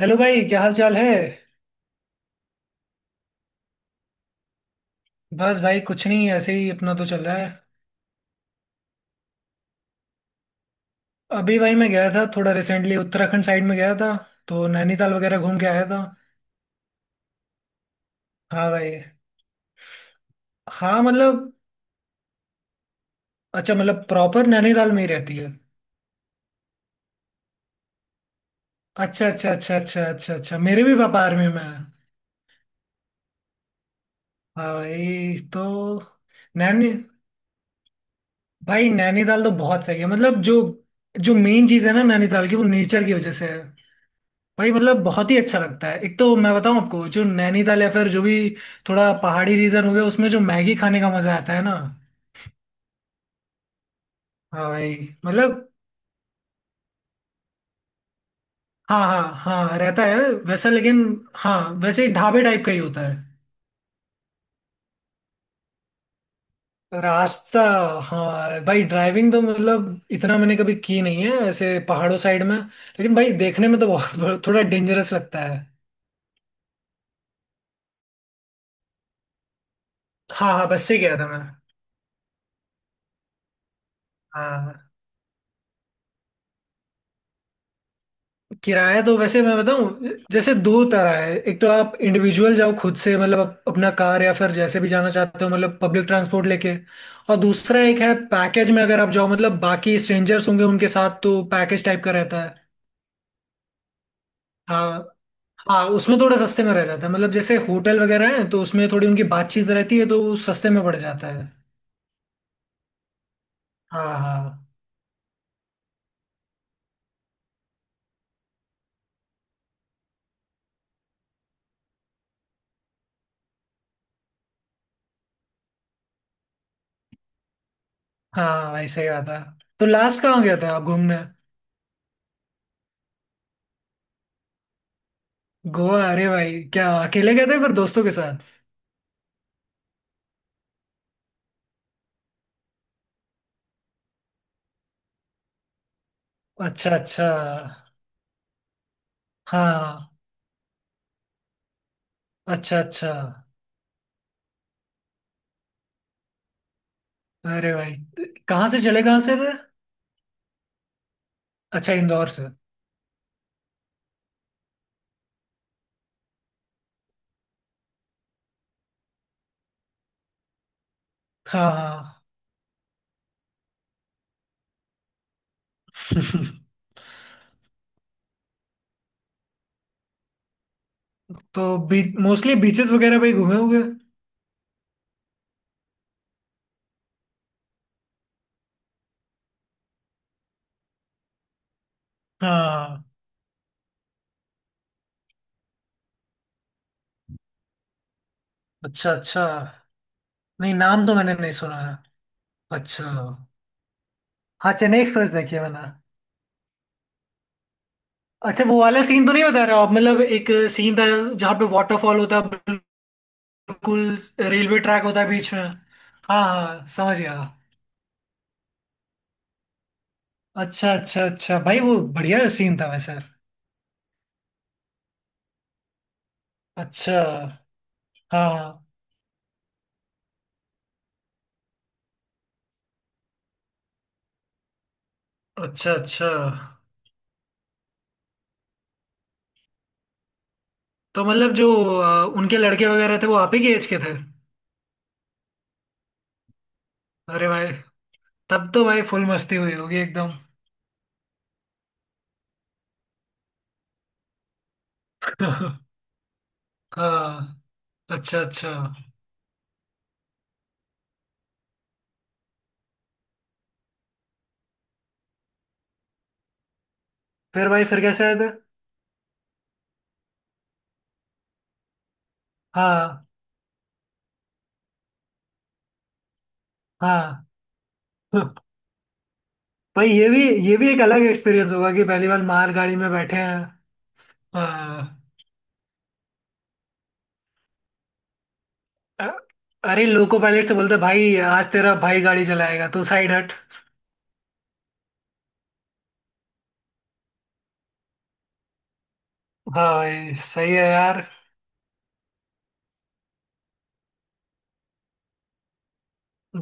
Hello भाई, क्या हाल चाल है। बस भाई, कुछ नहीं, ऐसे ही अपना तो चल रहा है। अभी भाई मैं गया था, थोड़ा रिसेंटली उत्तराखंड साइड में गया था। तो नैनीताल वगैरह घूम के आया था। हाँ भाई। हाँ, मतलब। अच्छा, मतलब प्रॉपर नैनीताल में ही रहती है? अच्छा अच्छा अच्छा अच्छा अच्छा अच्छा, मेरे भी पापा आर्मी में है। हाँ भाई, तो। नैनी भाई, नैनीताल तो बहुत सही है, मतलब जो जो मेन चीज़ है ना नैनीताल की, वो नेचर की वजह से है। भाई मतलब बहुत ही अच्छा लगता है। एक तो मैं बताऊं आपको, जो नैनीताल या फिर जो भी थोड़ा पहाड़ी रीजन हो गया, उसमें जो मैगी खाने का मजा आता है ना। हाँ भाई। मतलब। हाँ हाँ। हाँ, रहता है। वैसा, लेकिन। हाँ। वैसे ही ढाबे टाइप का ही होता है। रास्ता। हाँ भाई, ड्राइविंग तो मतलब इतना मैंने कभी की नहीं है ऐसे पहाड़ों साइड में, लेकिन भाई देखने में तो बहुत थोड़ा डेंजरस लगता है। हाँ हाँ, बस से गया था मैं। हाँ। किराया तो वैसे मैं बताऊं, जैसे दो तरह है। एक तो आप इंडिविजुअल जाओ खुद से, मतलब अपना कार या फिर जैसे भी जाना चाहते हो, मतलब पब्लिक ट्रांसपोर्ट लेके। और दूसरा एक है पैकेज में, अगर आप जाओ मतलब बाकी स्ट्रेंजर्स होंगे उनके साथ, तो पैकेज टाइप का रहता है। हाँ हाँ, उसमें थोड़ा सस्ते में रह जाता है, मतलब जैसे होटल वगैरह है तो उसमें थोड़ी उनकी बातचीत रहती है, तो वो सस्ते में पड़ जाता है। हाँ हाँ। हाँ भाई, सही बात है। तो लास्ट कहाँ गया था आप घूमने? गोवा? अरे भाई, क्या अकेले गए थे फिर दोस्तों के साथ? अच्छा अच्छा। हाँ। अच्छा अच्छा। अरे भाई, कहाँ से चले, कहाँ से थे? अच्छा, इंदौर से। हाँ हाँ। तो मोस्टली बीचेस वगैरह पे ही घूमे होंगे? हाँ। अच्छा अच्छा। नहीं, नाम तो मैंने नहीं सुना है। अच्छा। हाँ, चेन्नई एक्सप्रेस देखी है मैंने। अच्छा, वो वाला सीन तो नहीं बता रहे हो आप, मतलब एक सीन था जहाँ पे वाटरफॉल होता है। बिल्कुल, रेलवे ट्रैक होता है बीच में। हाँ हाँ, समझ गया। अच्छा अच्छा अच्छा भाई, वो बढ़िया सीन था वैसे। अच्छा। हाँ हाँ। अच्छा अच्छा। तो मतलब जो उनके लड़के वगैरह थे, वो आप ही के एज के थे? अरे भाई, तब तो भाई फुल मस्ती हुई होगी एकदम। हाँ। अच्छा अच्छा। फिर भाई, फिर कैसे आए थे? हाँ हाँ। भाई, ये भी एक अलग एक्सपीरियंस होगा कि पहली बार माल गाड़ी में बैठे हैं। हाँ। अ- अरे लोको पायलट से बोलते, भाई आज तेरा भाई गाड़ी चलाएगा, तू साइड हट। हाँ भाई, सही है यार।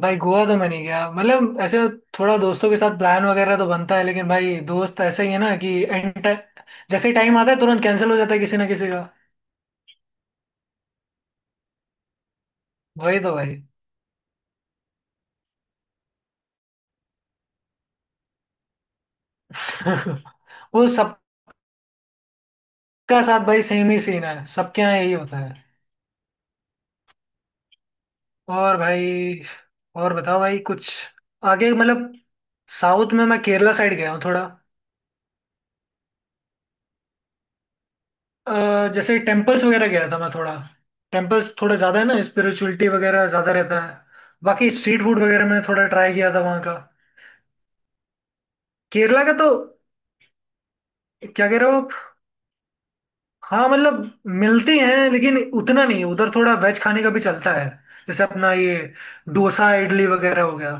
भाई, गोवा तो मैं नहीं गया, मतलब ऐसे थोड़ा दोस्तों के साथ प्लान वगैरह तो बनता है, लेकिन भाई दोस्त ऐसे ही है ना, कि एंड जैसे ही टाइम आता है तुरंत कैंसिल हो जाता है किसी ना किसी का। वही तो भाई। वो सबका साथ भाई, सेम ही सीन है, सबके यहाँ यही होता है। और भाई, और बताओ भाई कुछ आगे मतलब। साउथ में मैं केरला साइड गया हूँ थोड़ा। जैसे टेम्पल्स वगैरह गया था मैं थोड़ा। टेम्पल्स थोड़ा ज़्यादा है ना, स्पिरिचुअलिटी वगैरह ज़्यादा रहता है। बाकी स्ट्रीट फूड वगैरह मैंने थोड़ा ट्राई किया था वहाँ का। केरला का तो। क्या कह रहे हो आप? हाँ, मतलब मिलती हैं लेकिन उतना नहीं, उधर थोड़ा वेज खाने का भी चलता है। जैसे अपना ये डोसा इडली वगैरह हो गया।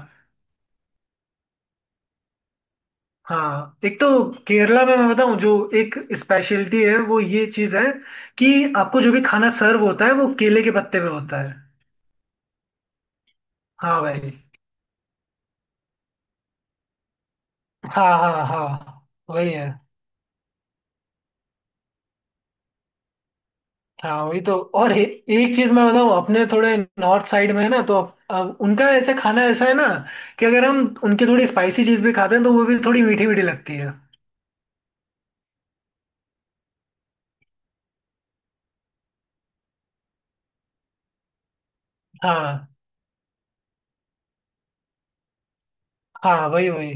हाँ, एक तो केरला में मैं बताऊं, जो एक स्पेशलिटी है वो ये चीज है कि आपको जो भी खाना सर्व होता है वो केले के पत्ते पे होता है। हाँ भाई। हाँ हाँ हाँ, वही है। हाँ वही तो, और एक चीज मैं बताऊँ, अपने थोड़े नॉर्थ साइड में है ना तो अब उनका ऐसे खाना ऐसा है ना, कि अगर हम उनकी थोड़ी स्पाइसी चीज भी खाते हैं तो वो भी थोड़ी मीठी मीठी लगती है। हाँ हाँ, वही वही।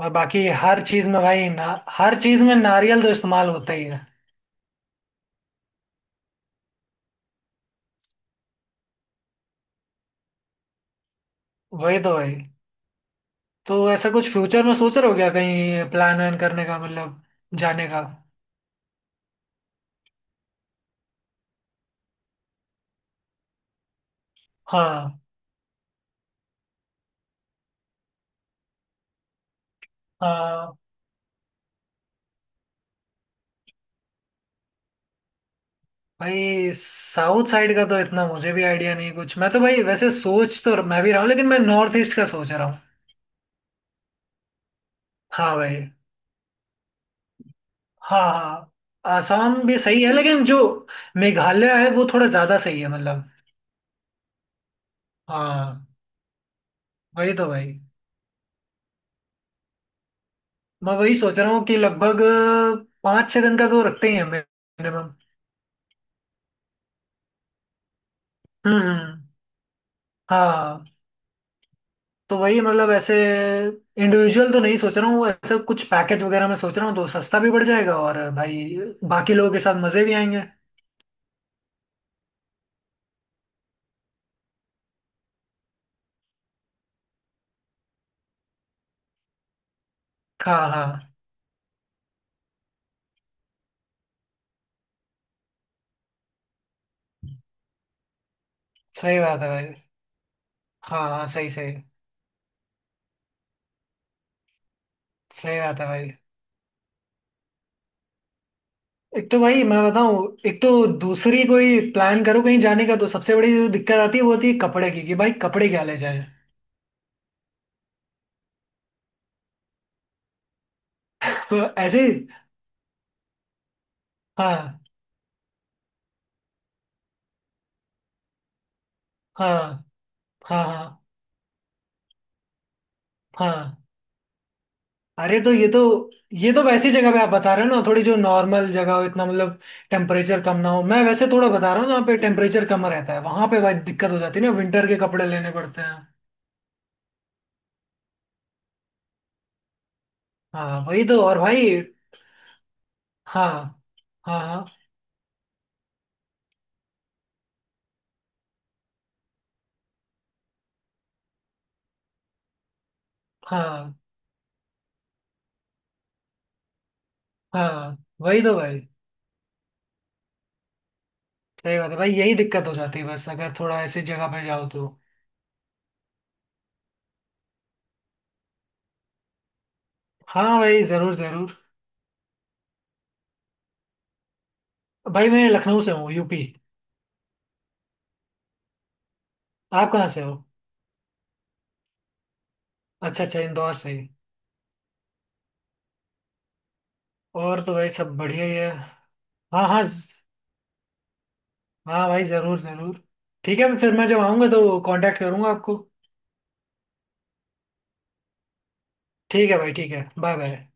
और बाकी हर चीज में भाई ना, हर चीज में नारियल तो इस्तेमाल होता ही है। वही तो भाई। तो ऐसा कुछ फ्यूचर में सोच रहे हो क्या कहीं प्लान वैन करने का, मतलब जाने का? हाँ। हाँ भाई, साउथ साइड का तो इतना मुझे भी आइडिया नहीं कुछ, मैं तो भाई वैसे सोच तो मैं भी रहा हूँ, लेकिन मैं नॉर्थ ईस्ट का सोच रहा हूँ। हाँ भाई। हाँ हाँ। आसाम भी सही है, लेकिन जो मेघालय है वो थोड़ा ज़्यादा सही है मतलब। हाँ। वही तो भाई, मैं वही सोच रहा हूँ कि लगभग 5-6 दिन का तो रखते ही हैं मिनिमम। हम्म हम्म, हाँ। तो वही मतलब ऐसे इंडिविजुअल तो नहीं सोच रहा हूँ, ऐसे कुछ पैकेज वगैरह मैं सोच रहा हूँ, तो सस्ता भी पड़ जाएगा और भाई बाकी लोगों के साथ मज़े भी आएंगे। हाँ हाँ, सही बात है भाई। हाँ हाँ, सही सही। सही बात है भाई। एक तो भाई मैं बताऊं, एक तो दूसरी, कोई प्लान करो कहीं जाने का तो सबसे बड़ी जो दिक्कत आती है वो होती है कपड़े की, कि भाई कपड़े क्या ले जाएं। तो ऐसे। हाँ। हाँ हाँ। हाँ हाँ। अरे तो ये तो वैसी जगह पे आप बता रहे हो ना, थोड़ी जो नॉर्मल जगह हो इतना मतलब टेम्परेचर कम ना हो, मैं वैसे थोड़ा बता रहा हूँ जहाँ पे टेम्परेचर कम रहता है वहां पे भाई दिक्कत हो जाती है ना, विंटर के कपड़े लेने पड़ते हैं। हाँ वही तो, और भाई। हाँ हाँ। हाँ हाँ। हाँ। वही तो भाई। सही बात है भाई, यही दिक्कत हो जाती है बस, अगर थोड़ा ऐसी जगह पे जाओ तो। हाँ भाई, जरूर जरूर। भाई मैं लखनऊ से हूँ, यूपी। आप कहाँ से हो? अच्छा अच्छा, इंदौर से ही। और तो भाई सब बढ़िया ही है। हाँ हाँ हाँ भाई, जरूर जरूर। ठीक है, फिर मैं जब आऊँगा तो कांटेक्ट करूँगा आपको। ठीक है भाई, ठीक है, बाय बाय।